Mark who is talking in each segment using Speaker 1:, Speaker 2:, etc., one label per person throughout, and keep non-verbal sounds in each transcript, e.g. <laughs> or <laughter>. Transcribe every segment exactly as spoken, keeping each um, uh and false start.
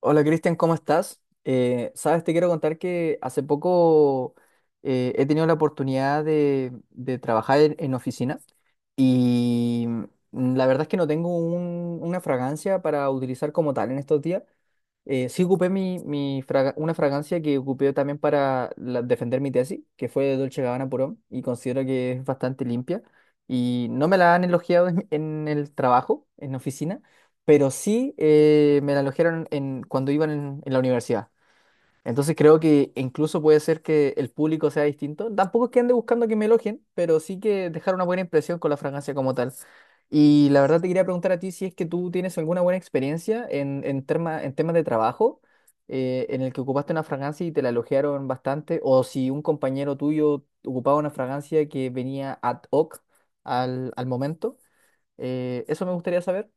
Speaker 1: Hola Cristian, ¿cómo estás? Eh, sabes, te quiero contar que hace poco eh, he tenido la oportunidad de, de trabajar en, en oficina y mm, la verdad es que no tengo un- una fragancia para utilizar como tal en estos días. Eh, sí ocupé mi, mi fraga- una fragancia que ocupé también para la- defender mi tesis, que fue de Dolce Gabbana Pro Homme, y considero que es bastante limpia y no me la han elogiado en en el trabajo, en la oficina, pero sí eh, me la alojaron en, cuando iban en, en la universidad. Entonces creo que incluso puede ser que el público sea distinto. Tampoco es que ande buscando que me elogien, pero sí que dejar una buena impresión con la fragancia como tal. Y la verdad te quería preguntar a ti si es que tú tienes alguna buena experiencia en, en, terma- en temas de trabajo eh, en el que ocupaste una fragancia y te la elogiaron bastante, o si un compañero tuyo ocupaba una fragancia que venía ad hoc al, al momento. Eh, eso me gustaría saber.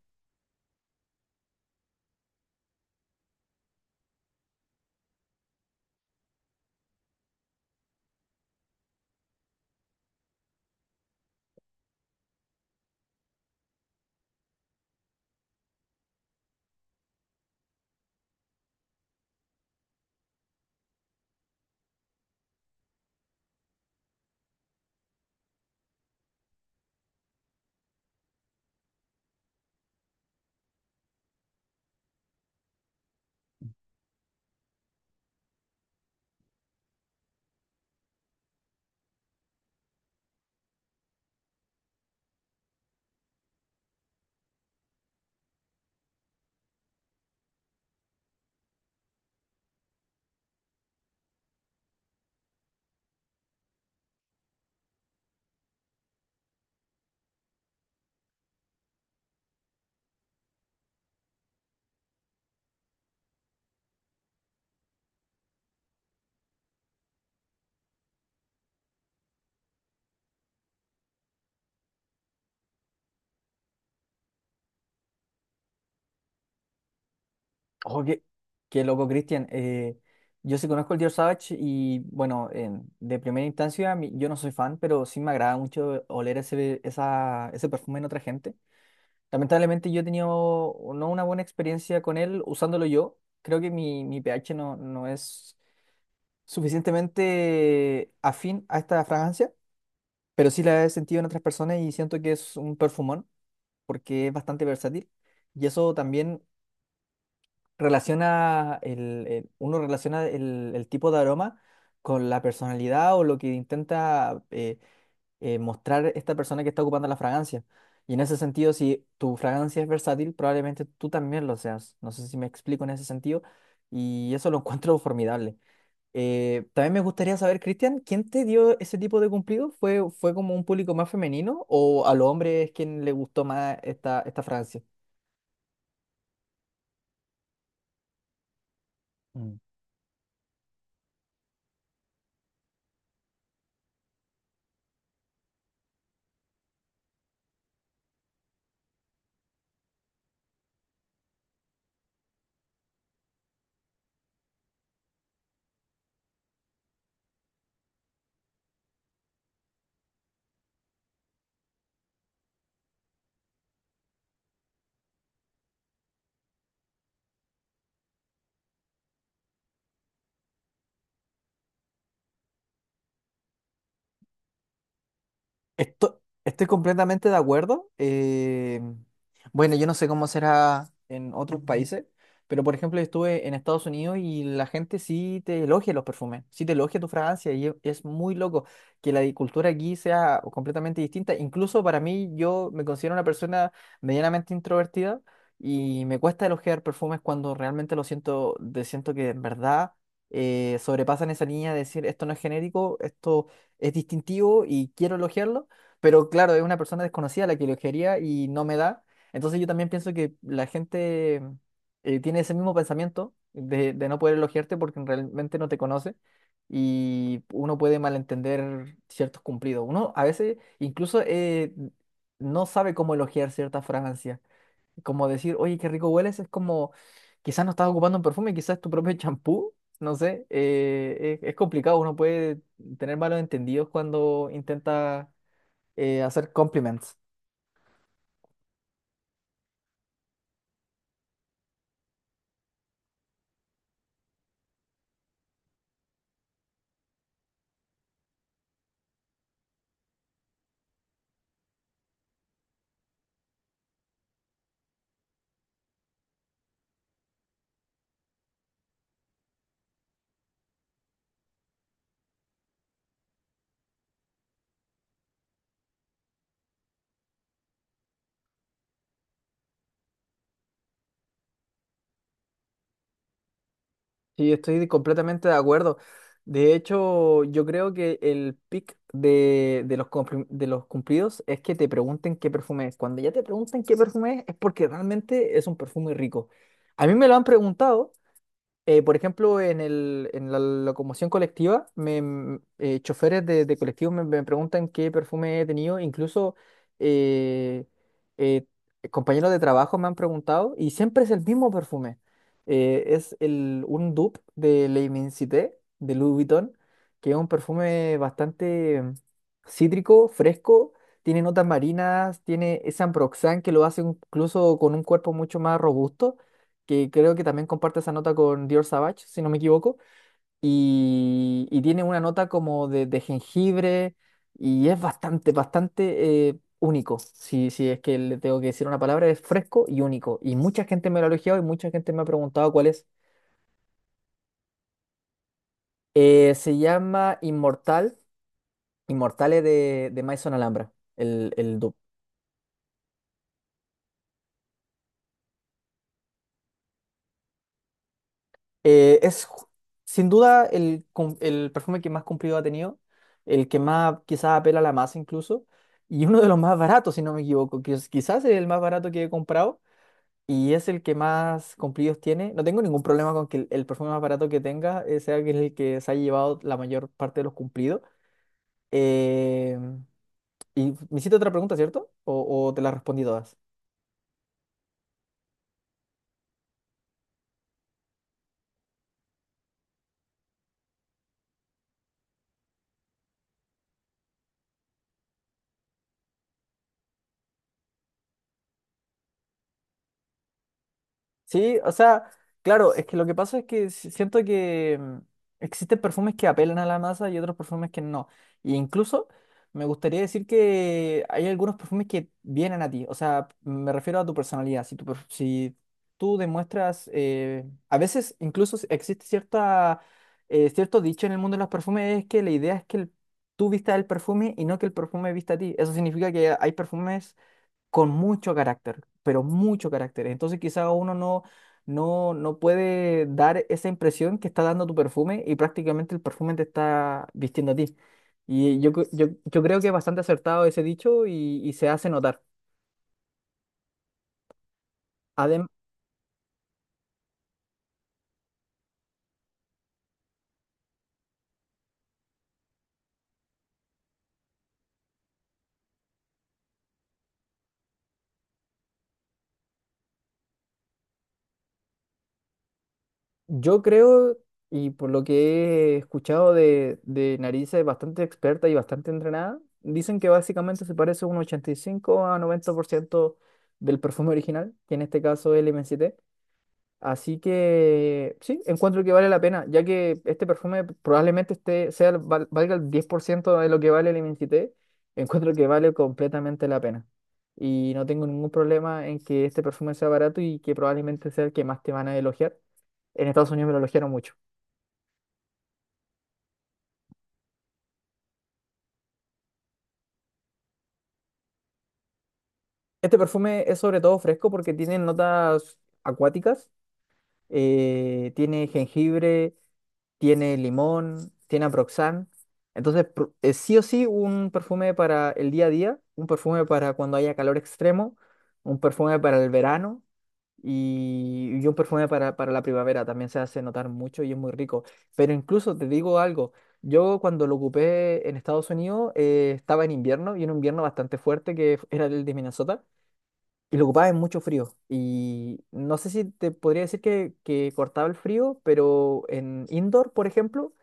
Speaker 1: Ojo, qué, qué loco, Cristian. Eh, yo sí conozco el George Savage y bueno, en- de primera instancia mi- yo no soy fan, pero sí me agrada mucho oler ese, esa, ese perfume en otra gente. Lamentablemente yo he tenido no una buena experiencia con él usándolo yo. Creo que mi, mi pH no, no es suficientemente afín a esta fragancia, pero sí la he sentido en otras personas y siento que es un perfumón porque es bastante versátil. Y eso también relaciona el, el- uno relaciona el, el tipo de aroma con la personalidad o lo que intenta eh, eh, mostrar esta persona que está ocupando la fragancia. Y en ese sentido, si tu fragancia es versátil, probablemente tú también lo seas. No sé si me explico en ese sentido y eso lo <laughs> encuentro formidable. Eh, también me gustaría saber, Cristian, ¿quién te dio ese tipo de cumplido? ¿Fue, fue como un público más femenino o a los hombres quien le gustó más esta, esta fragancia? Esto- estoy completamente de acuerdo. Eh, bueno, yo no sé cómo será en otros países, pero por ejemplo, estuve en Estados Unidos y la gente sí te elogia los perfumes, sí te elogia tu fragancia y es, es muy loco que la di- cultura aquí sea completamente distinta. Incluso para mí, yo me considero una persona medianamente introvertida y me cuesta elogiar perfumes cuando realmente lo siento, de- siento que en verdad eh, sobrepasan esa línea de decir esto no es genérico, esto es distintivo y quiero elogiarlo, pero claro, es una persona desconocida la que lo quería y no me da. Entonces yo también pienso que la gente eh, tiene ese mismo pensamiento de, de no poder elogiarte porque realmente no te conoce y uno puede malentender ciertos cumplidos. Uno a veces incluso eh, no sabe cómo elogiar cierta fragancia. Como decir, oye, qué rico hueles, es como quizás no estás ocupando un perfume, quizás tu propio <laughs> champú. No sé, eh, es, es complicado, uno puede tener malos entendidos cuando intenta eh, hacer compliments. Sí, estoy completamente de acuerdo. De hecho, yo creo que el pick de, de los, compli- de los cumplidos es que te pregunten qué perfume es. Cuando ya te pregunten qué perfume es, es porque realmente es un perfume rico. A mí me lo han preguntado. Eh, por ejemplo, en el, en la locomoción colectiva, me, m- eh, choferes de, de colectivos me, me preguntan qué perfume he tenido, incluso eh, eh, compañeros de trabajo me han preguntado y siempre es el mismo perfume. Eh, es el, un dupe de Le Immensité, de Louis Vuitton, que es un perfume bastante mm, cítrico, fresco, tiene notas marinas, tiene ese ambroxan que lo hace incluso con un cuerpo mucho más robusto, que creo que también comparte esa nota con Dior Savage, si no me equivoco, y, y tiene una nota como de, de jengibre y es bastante, bastante eh, único. Si, si es que le tengo que decir una palabra, es fresco y único. Y mucha gente me lo ha elogiado y mucha gente me ha preguntado cuál es. Eh, se llama Inmortal, Inmortales de, de Maison Alhambra, el, el dupe. Eh, es ju- sin duda el, cum- el perfume que más cumplido ha tenido, el que más quizás apela a la masa incluso, y uno de los más baratos, si no me equivoco, que es- quizás es el más barato que he comprado y es el que más cumplidos tiene. No tengo ningún problema con que el, el perfume más barato que tenga eh, sea que el que se haya llevado la mayor parte de los cumplidos. Eh, y me hiciste otra pregunta, ¿cierto? ¿O, o te la respondí todas? Sí, o sea, claro, es que lo que pasa es que si- siento que mm, existen perfumes que apelan a la masa y otros perfumes que no. E incluso me gustaría decir que hay algunos perfumes que vienen a ti, o sea, me refiero a tu personalidad. Si tú, si tú demuestras, eh, a veces incluso s- existe cierta, eh, cierto dicho en el mundo de los perfumes, es que la idea es que el- tú vistas el perfume y no que el perfume vista a ti. Eso significa que hay perfumes con mucho carácter, pero mucho carácter. Entonces quizá uno no, no, no puede dar esa impresión que está dando tu perfume y prácticamente el perfume te está vistiendo a ti. Y yo, cre- yo, yo creo que es bastante acertado ese dicho y, y se hace notar. Además, yo creo, y por lo que he escuchado de, de narices bastante experta y bastante entrenada, dicen que básicamente se parece un ochenta y cinco a noventa por ciento del perfume original, que en este caso es el m MST. Así que sí, encuentro que vale la pena, ya que este perfume probablemente esté, sea, el val- valga el diez por ciento de lo que vale el M C T, encuentro que vale completamente la pena. Y no tengo ningún problema en que este perfume sea barato y que probablemente sea el que más te van a elogiar. En Estados Unidos me lo elogiaron mucho. Este perfume es sobre todo fresco porque tiene notas acuáticas, eh, tiene jengibre, tiene limón, tiene Aproxan. Entonces, pr- eh, sí o sí, un perfume para el día a día, un perfume para cuando haya calor extremo, un perfume para el verano y, y un perfume para, para la primavera. También se hace notar mucho y es muy rico. Pero incluso te digo algo, yo cuando lo ocupé en Estados Unidos eh, estaba en invierno y en un invierno bastante fuerte que era el de Minnesota. Y lo ocupaba en mucho frío. Y no sé si te podría decir que, que cortaba el frío, pero en indoor, por ejemplo,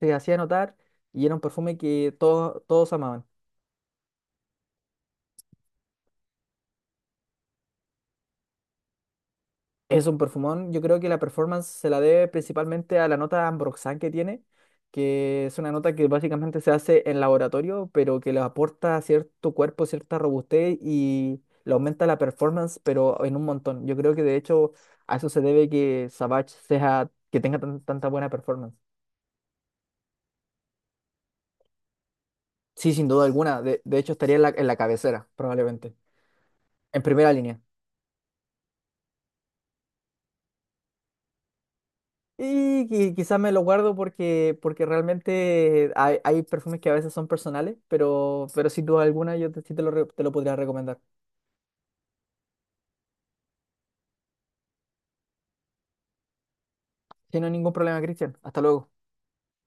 Speaker 1: se hacía notar y era un perfume que todos todos amaban. Es un perfumón, yo creo que la performance se la debe principalmente a la nota ambroxan que tiene, que es una nota que básicamente se hace en laboratorio, pero que le aporta a cierto cuerpo, cierta robustez y le aumenta la performance, pero en un montón. Yo creo que de hecho a eso se debe que Savage sea, que tenga tan- tanta buena performance. Sí, sin duda alguna. De, de hecho, estaría en la, en la cabecera, probablemente. En primera línea. Y, qui- quizás me lo guardo porque, porque realmente hay, hay perfumes que a veces son personales, pero, pero sin duda alguna yo te- sí te lo, re- te lo podría recomendar. Si no hay ningún problema, Cristian. Hasta luego.